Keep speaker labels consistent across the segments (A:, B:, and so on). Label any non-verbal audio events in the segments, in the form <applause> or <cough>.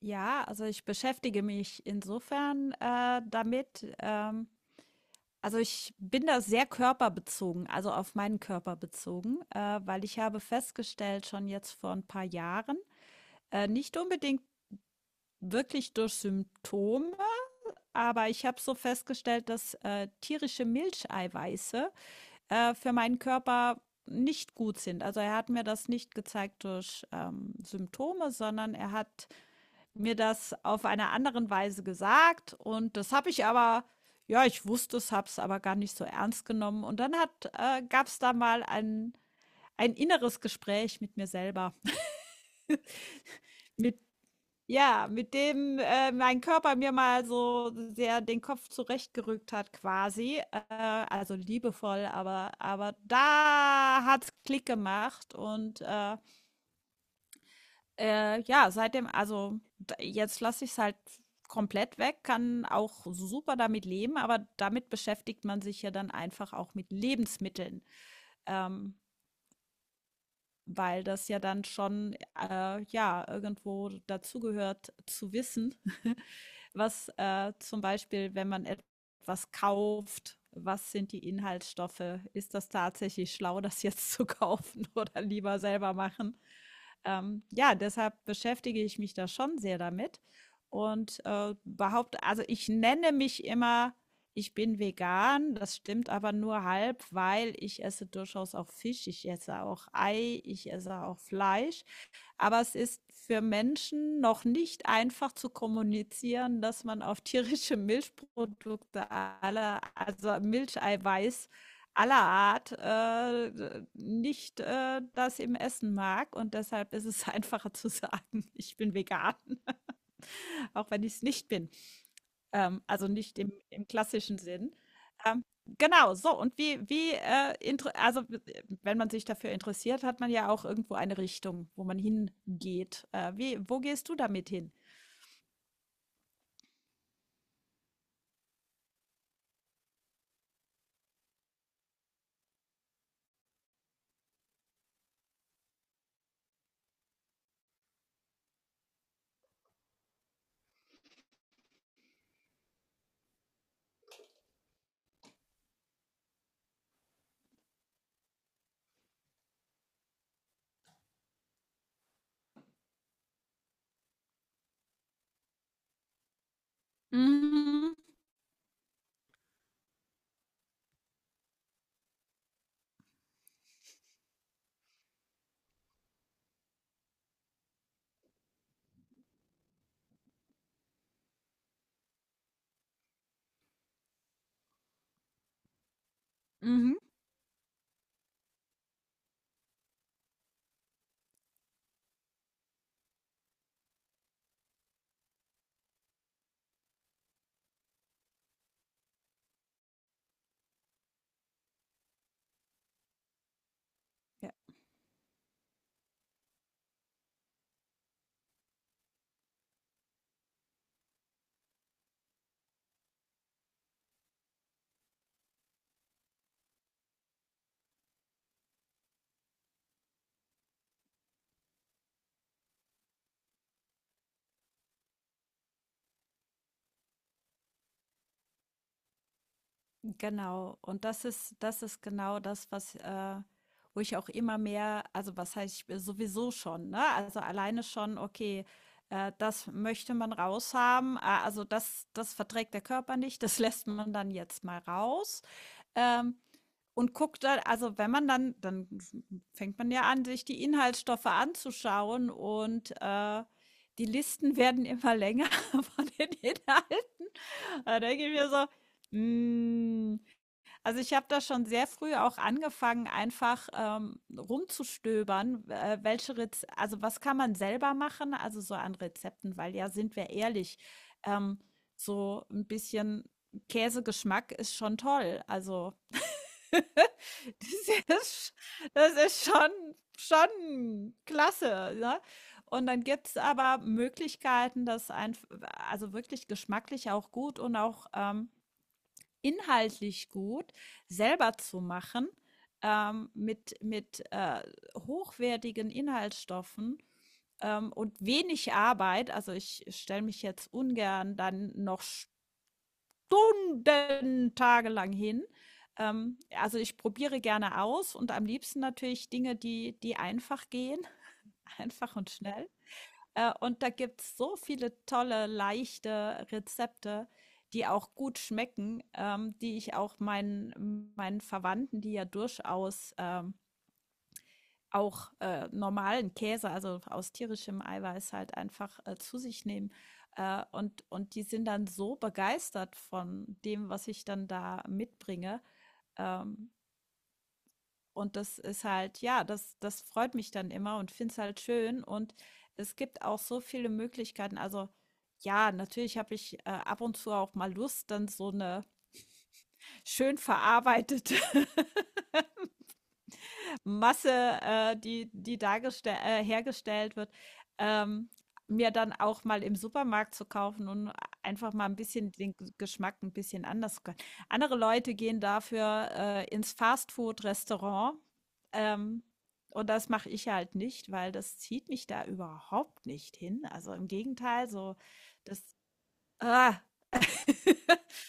A: Ja, also ich beschäftige mich insofern damit. Also ich bin da sehr körperbezogen, also auf meinen Körper bezogen, weil ich habe festgestellt, schon jetzt vor ein paar Jahren, nicht unbedingt wirklich durch Symptome, aber ich habe so festgestellt, dass tierische Milcheiweiße für meinen Körper nicht gut sind. Also er hat mir das nicht gezeigt durch Symptome, sondern er hat mir das auf einer anderen Weise gesagt, und das habe ich aber, ja, ich wusste es, habe es aber gar nicht so ernst genommen. Und dann hat gab's da mal ein inneres Gespräch mit mir selber. <laughs> Mit, ja, mit dem, mein Körper mir mal so sehr den Kopf zurechtgerückt hat quasi, also liebevoll, aber da hat's Klick gemacht und, ja, seitdem, also, d jetzt lasse ich es halt komplett weg, kann auch super damit leben, aber damit beschäftigt man sich ja dann einfach auch mit Lebensmitteln. Ähm, Weil das ja dann schon, ja, irgendwo dazugehört zu wissen, <laughs> was, zum Beispiel, wenn man etwas kauft, was sind die Inhaltsstoffe? Ist das tatsächlich schlau, das jetzt <laughs> zu kaufen oder lieber selber machen? Ja, deshalb beschäftige ich mich da schon sehr damit und behaupte, also ich nenne mich immer, ich bin vegan. Das stimmt aber nur halb, weil ich esse durchaus auch Fisch, ich esse auch Ei, ich esse auch Fleisch. Aber es ist für Menschen noch nicht einfach zu kommunizieren, dass man auf tierische Milchprodukte aller, also Milcheiweiß aller Art, nicht das im Essen mag. Und deshalb ist es <laughs> einfacher zu sagen, ich bin vegan, auch wenn ich es nicht bin. Also nicht im klassischen Sinn. Ähm, genau. So, und wie, intere also wenn man sich dafür interessiert, hat man ja auch irgendwo eine Richtung, wo man hingeht. Wie Wo gehst du damit hin? Mhm, mhm. Ja. Genau. Und das ist genau das, was, wo ich auch immer mehr, also was heißt, ich sowieso schon, ne? Also alleine schon, okay, das möchte man raushaben. Also das, das verträgt der Körper nicht, das <laughs> lässt man dann jetzt mal raus. Ähm, und guckt dann, also wenn man dann, dann fängt man ja an, sich die Inhaltsstoffe anzuschauen, und die Listen <laughs> werden immer länger <laughs> von den Inhalten. Da denke ich mir so, Mm, also, ich habe da schon sehr früh auch angefangen, einfach, rumzustöbern, welche Rez also, was kann man selber machen, also so an Rezepten, weil, ja, sind wir ehrlich, ähm, so ein bisschen Käsegeschmack ist schon toll. Also, <laughs> das ist, das ist schon klasse, ne? Und dann gibt es aber Möglichkeiten, das einf also wirklich geschmacklich auch gut und auch, inhaltlich gut selber zu machen, mit hochwertigen Inhaltsstoffen und wenig Arbeit. Also ich stelle mich jetzt ungern dann noch Stunden, tagelang hin. Also ich probiere gerne aus, und am liebsten natürlich Dinge, die, die einfach gehen, <laughs> einfach und schnell. Und da gibt's so viele tolle, leichte Rezepte, die auch gut schmecken, die ich auch meinen Verwandten, die ja durchaus, auch, normalen Käse, also aus tierischem Eiweiß halt einfach, zu sich nehmen. Und die sind dann so begeistert von dem, was ich dann da mitbringe, ähm, und das ist halt, ja, das, das freut mich dann immer, und finde es halt schön. Und es gibt auch so viele Möglichkeiten. Also, ja, natürlich habe ich, ab und zu auch mal Lust, dann so eine schön verarbeitete <laughs> Masse, die, die dargestell hergestellt wird, ähm, mir dann auch mal im Supermarkt zu kaufen und einfach mal ein bisschen den Geschmack ein bisschen anders zu können. Andere Leute gehen dafür ins Fastfood-Restaurant. Ähm, und das mache ich halt nicht, weil das zieht mich da überhaupt nicht hin. Also im Gegenteil, so das. Ah, <laughs>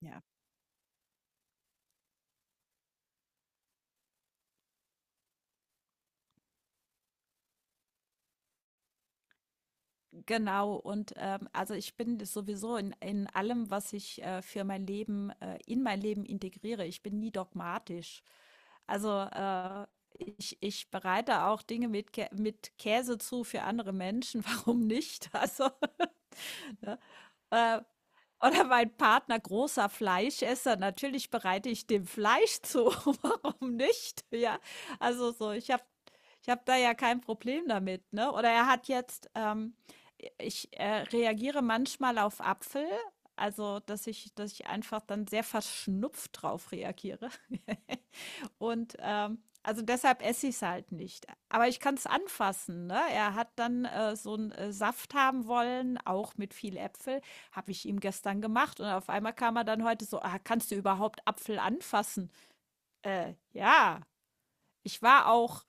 A: ja. Genau, und also ich bin sowieso in allem, was ich, für mein Leben, in mein Leben integriere. Ich bin nie dogmatisch. Also, ich, ich bereite auch Dinge mit, Kä mit Käse zu für andere Menschen. <laughs> Warum nicht? Also, <laughs> ne? äh, oder mein Partner, großer Fleischesser, natürlich bereite ich dem Fleisch zu. <laughs> Warum nicht? Ja, also so, ich habe, ich hab da ja kein Problem damit, ne? Oder er hat jetzt, ich reagiere manchmal auf Apfel, also dass ich einfach dann sehr verschnupft drauf reagiere. <laughs> Und also deshalb esse ich es halt nicht. Aber ich kann es anfassen. Ne? Er hat dann, so einen, Saft haben wollen, auch mit viel Äpfel. Habe ich ihm gestern gemacht. Und auf einmal kam er dann heute so, ah, kannst du überhaupt Apfel anfassen? Ja, ich war auch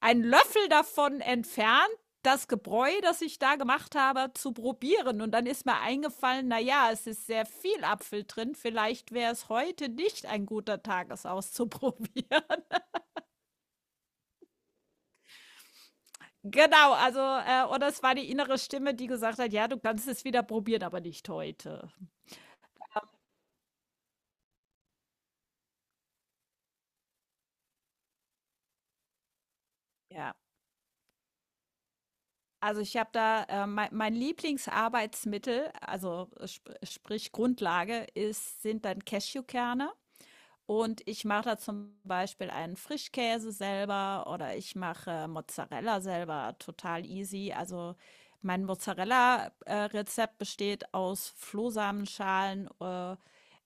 A: einen Löffel davon entfernt, das Gebräu, das ich da gemacht habe, zu probieren. Und dann ist mir eingefallen, naja, es ist sehr viel Apfel drin. Vielleicht wäre es heute nicht ein guter Tag, es auszuprobieren. <laughs> Genau, also, oder es war die innere Stimme, die gesagt hat: „Ja, du kannst es wieder probieren, aber nicht heute.“ Ja. Also, ich habe da, mein Lieblingsarbeitsmittel, also, sp sprich Grundlage ist, sind dann Cashewkerne. Und ich mache da zum Beispiel einen Frischkäse selber oder ich mache Mozzarella selber, total easy. Also mein Mozzarella-Rezept besteht aus Flohsamenschalen, äh,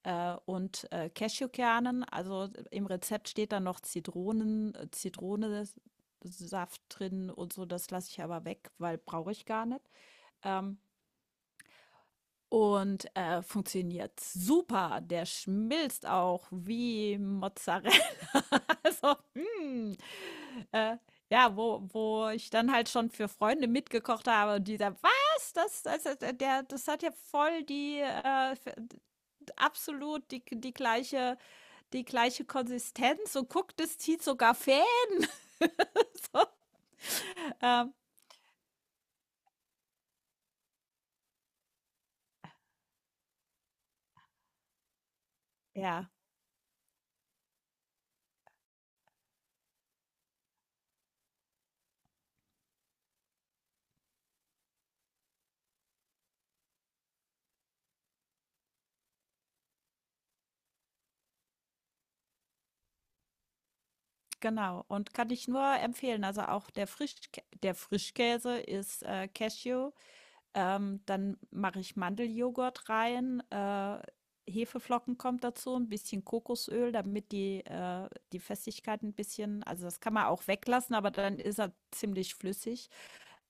A: äh, und äh, Cashewkernen. Also im Rezept steht dann noch Zitronen, Zitronensaft drin und so. Das lasse ich aber weg, weil brauche ich gar nicht. Ähm, und, funktioniert super. Der schmilzt auch wie Mozzarella. <laughs> Also, äh, ja, wo ich dann halt schon für Freunde mitgekocht habe und die sagen: „Was? Das hat der, das hat ja voll die, f absolut die, die gleiche, die gleiche Konsistenz, und guck, das zieht sogar fest.“ <laughs> Ähm, ja, genau. Und kann ich nur empfehlen. Also, auch der Frisch der Frischkäse ist, Cashew dann mache ich Mandeljoghurt rein, Hefeflocken kommt dazu, ein bisschen Kokosöl, damit die, die Festigkeit ein bisschen, also das kann man auch weglassen, aber dann ist er ziemlich flüssig.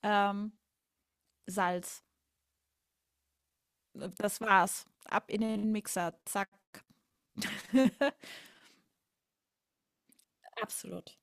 A: Ähm, Salz, das war's. Ab in den Mixer, zack. <laughs> Absolut.